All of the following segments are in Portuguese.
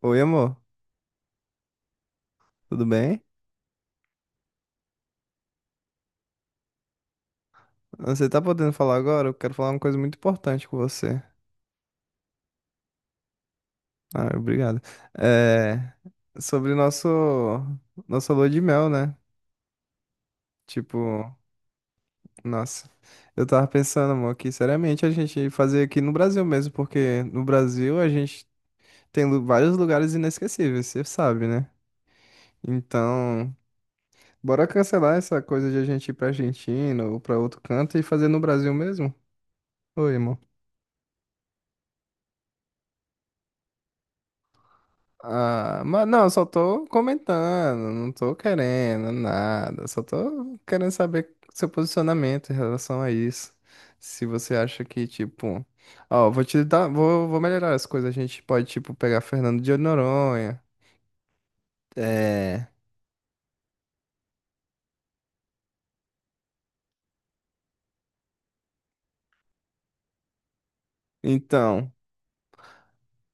Oi, amor, tudo bem? Você tá podendo falar agora? Eu quero falar uma coisa muito importante com você. Ah, obrigado. É, sobre nosso nossa lua de mel, né? Tipo, nossa, eu tava pensando, amor, que seriamente a gente fazer aqui no Brasil mesmo, porque no Brasil a gente tem vários lugares inesquecíveis, você sabe, né? Então, bora cancelar essa coisa de a gente ir pra Argentina ou pra outro canto e fazer no Brasil mesmo? Oi, amor. Ah, mas não, eu só tô comentando, não tô querendo nada, só tô querendo saber seu posicionamento em relação a isso. Se você acha que, tipo, ó, vou te dar, vou melhorar as coisas, a gente pode, tipo, pegar Fernando de Noronha. É, então,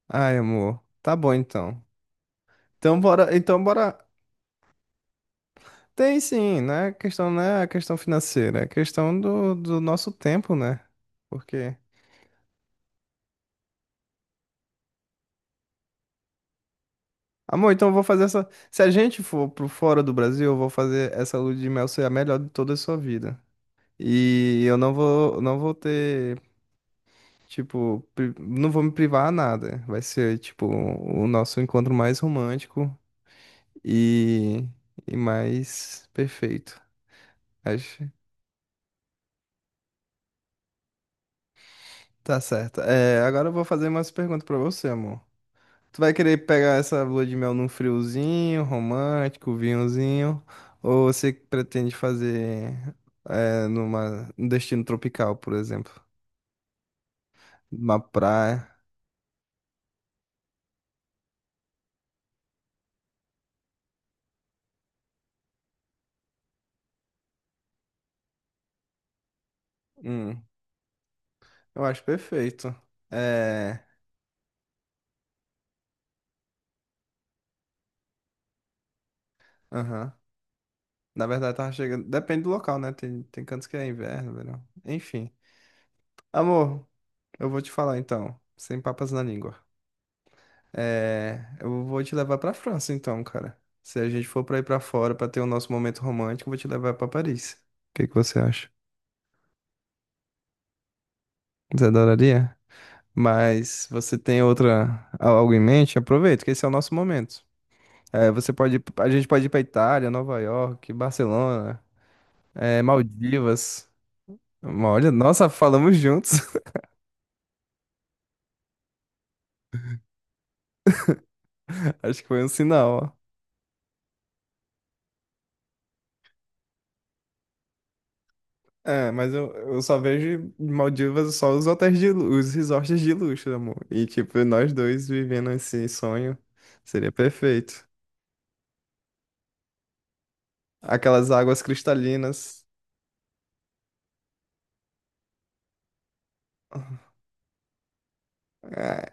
ai, amor, tá bom então. Então bora. Tem sim, né? A questão não é a questão financeira, é a questão do nosso tempo, né? Porque amor, então eu vou fazer essa. Se a gente for pro fora do Brasil, eu vou fazer essa lua de mel ser a melhor de toda a sua vida. E eu não vou ter, tipo, não vou me privar a nada. Vai ser, tipo, o nosso encontro mais romântico e, e mais perfeito. Acho. Tá certo. É, agora eu vou fazer umas perguntas pra você, amor. Tu vai querer pegar essa lua de mel num friozinho, romântico, vinhozinho, ou você pretende fazer numa, num destino tropical, por exemplo, numa praia? Hum, eu acho perfeito. É, aham. Na verdade, tava chegando. Depende do local, né? Tem cantos que é inverno, verão. Enfim. Amor, eu vou te falar então, sem papas na língua. É, eu vou te levar pra França então, cara. Se a gente for pra ir pra fora pra ter o nosso momento romântico, eu vou te levar pra Paris. O que que você acha? Você adoraria? Mas você tem outra algo em mente? Aproveita, que esse é o nosso momento. É, você pode, a gente pode ir pra Itália, Nova York, Barcelona, é, Maldivas. Olha, nossa, falamos juntos. Acho que foi um sinal, ó. É, mas eu só vejo Maldivas só os hotéis de os resorts de luxo, amor. E tipo, nós dois vivendo esse sonho seria perfeito. Aquelas águas cristalinas. Ah,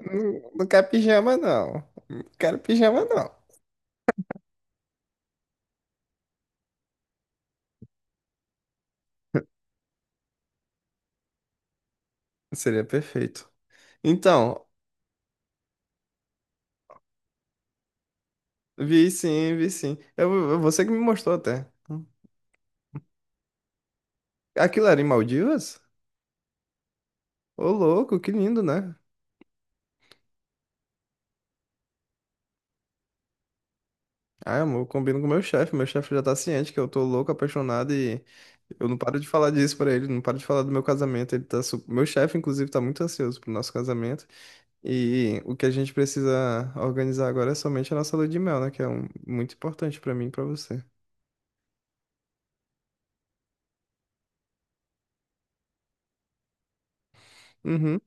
não, não quero pijama, não. Não quero pijama, não. Seria perfeito. Então, vi sim, vi sim. Você que me mostrou até. Aquilo era em Maldivas? Ô, louco, que lindo, né? Ah, amor, eu combino com o meu chefe. Meu chefe já tá ciente que eu tô louco, apaixonado e eu não paro de falar disso pra ele, não paro de falar do meu casamento. Ele tá su... Meu chefe, inclusive, tá muito ansioso pro nosso casamento. E o que a gente precisa organizar agora é somente a nossa lua de mel, né? Que é um... muito importante pra mim e pra você. Uhum.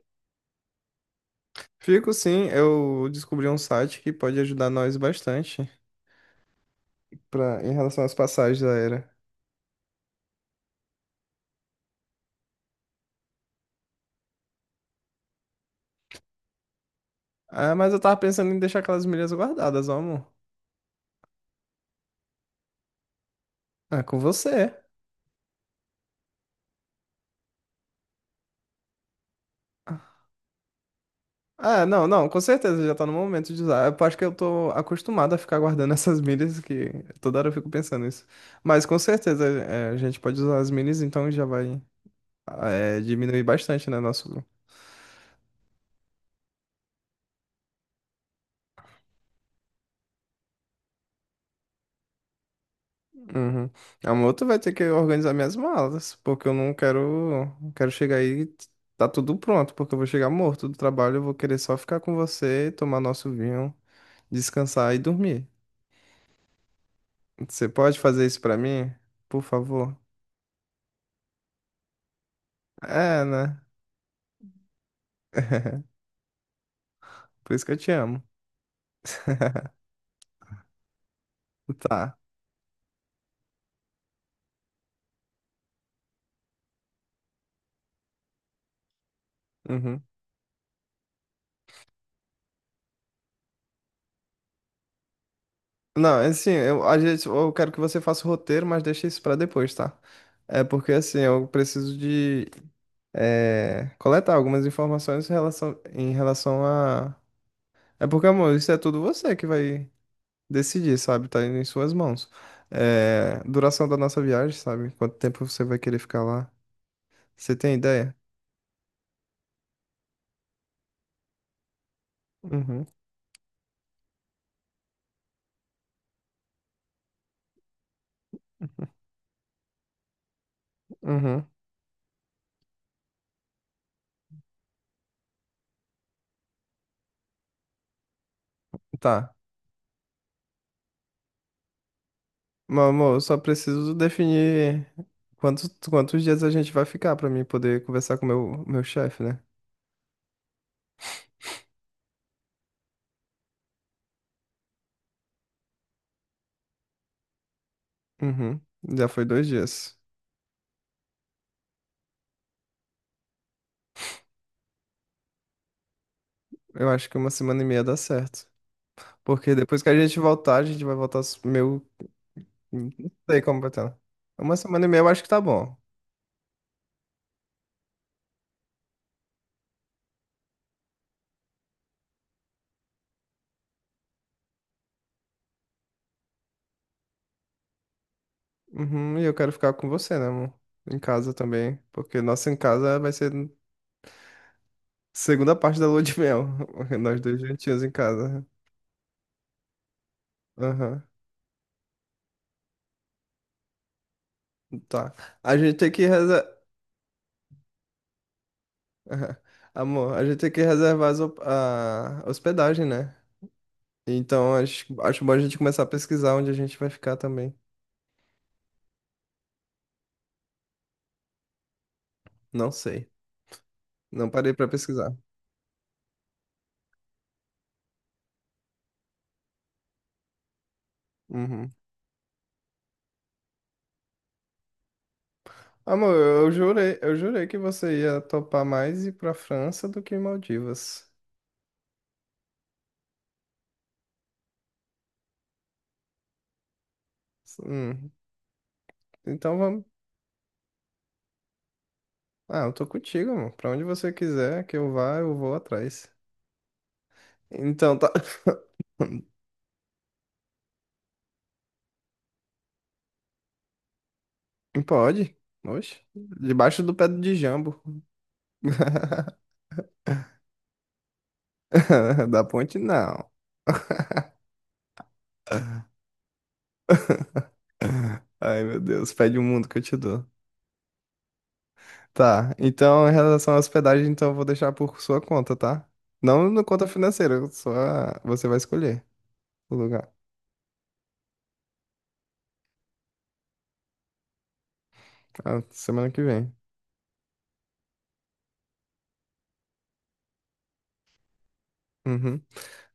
Fico sim, eu descobri um site que pode ajudar nós bastante pra... em relação às passagens da era. Ah, mas eu tava pensando em deixar aquelas milhas guardadas, ó, amor. Ah, com você. Não, com certeza já tá no momento de usar. Eu acho que eu tô acostumado a ficar guardando essas milhas, que toda hora eu fico pensando nisso. Mas com certeza é, a gente pode usar as milhas, então já vai diminuir bastante, né, nosso... Uhum. A moto vai ter que organizar minhas malas, porque eu não quero, não quero chegar aí e tá tudo pronto, porque eu vou chegar morto do trabalho, eu vou querer só ficar com você, tomar nosso vinho, descansar e dormir. Você pode fazer isso pra mim? Por favor? É, né? Por isso que eu te amo. Tá. Uhum. Não, é assim, eu, a gente eu quero que você faça o roteiro, mas deixa isso pra depois, tá? É porque, assim, eu preciso de coletar algumas informações em relação a... É porque, amor, isso é tudo você que vai decidir, sabe? Tá indo em suas mãos. É, duração da nossa viagem, sabe? Quanto tempo você vai querer ficar lá? Você tem ideia? Uhum, uhum. Tá. Meu amor, eu só preciso definir quantos dias a gente vai ficar pra mim poder conversar com o meu chefe, né? Uhum. Já foi dois dias. Eu acho que uma semana e meia dá certo. Porque depois que a gente voltar, a gente vai voltar meio. Não sei como vai estar. Uma semana e meia eu acho que tá bom. Uhum, e eu quero ficar com você, né, amor? Em casa também. Porque nossa em casa vai ser segunda parte da lua de mel. Nós dois juntinhos em casa. Né? Aham. Tá. A gente tem que reservar. Aham. Amor, a gente tem que reservar as a hospedagem, né? Então acho, acho bom a gente começar a pesquisar onde a gente vai ficar também. Não sei. Não parei pra pesquisar. Uhum. Amor, eu jurei que você ia topar mais ir pra França do que Maldivas. Hum, Então vamos. Ah, eu tô contigo, amor. Pra onde você quiser que eu vá, eu vou atrás. Então tá. Pode. Oxe. Debaixo do pé de jambo. Da ponte, não. Ai, meu Deus, pede o mundo que eu te dou. Tá, então em relação à hospedagem, então eu vou deixar por sua conta, tá? Não na conta financeira, só você vai escolher o lugar. Ah, semana que vem. Uhum.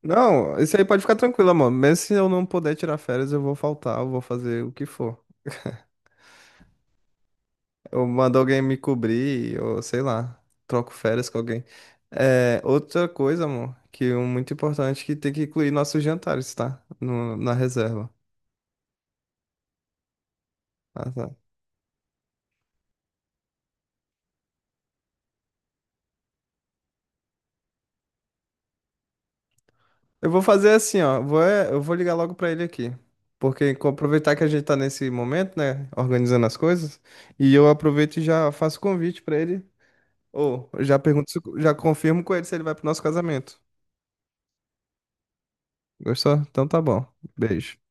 Não, isso aí pode ficar tranquilo, amor. Mesmo se eu não puder tirar férias, eu vou faltar, eu vou fazer o que for. Ou mando alguém me cobrir, ou sei lá, troco férias com alguém. É, outra coisa, amor, que é muito importante, que tem que incluir nossos jantares, tá? No, na reserva. Ah, tá. Eu vou fazer assim, ó. Eu vou ligar logo pra ele aqui. Porque aproveitar que a gente tá nesse momento, né? Organizando as coisas. E eu aproveito e já faço convite pra ele. Ou eu já pergunto, já confirmo com ele se ele vai pro nosso casamento. Gostou? Então tá bom. Beijo.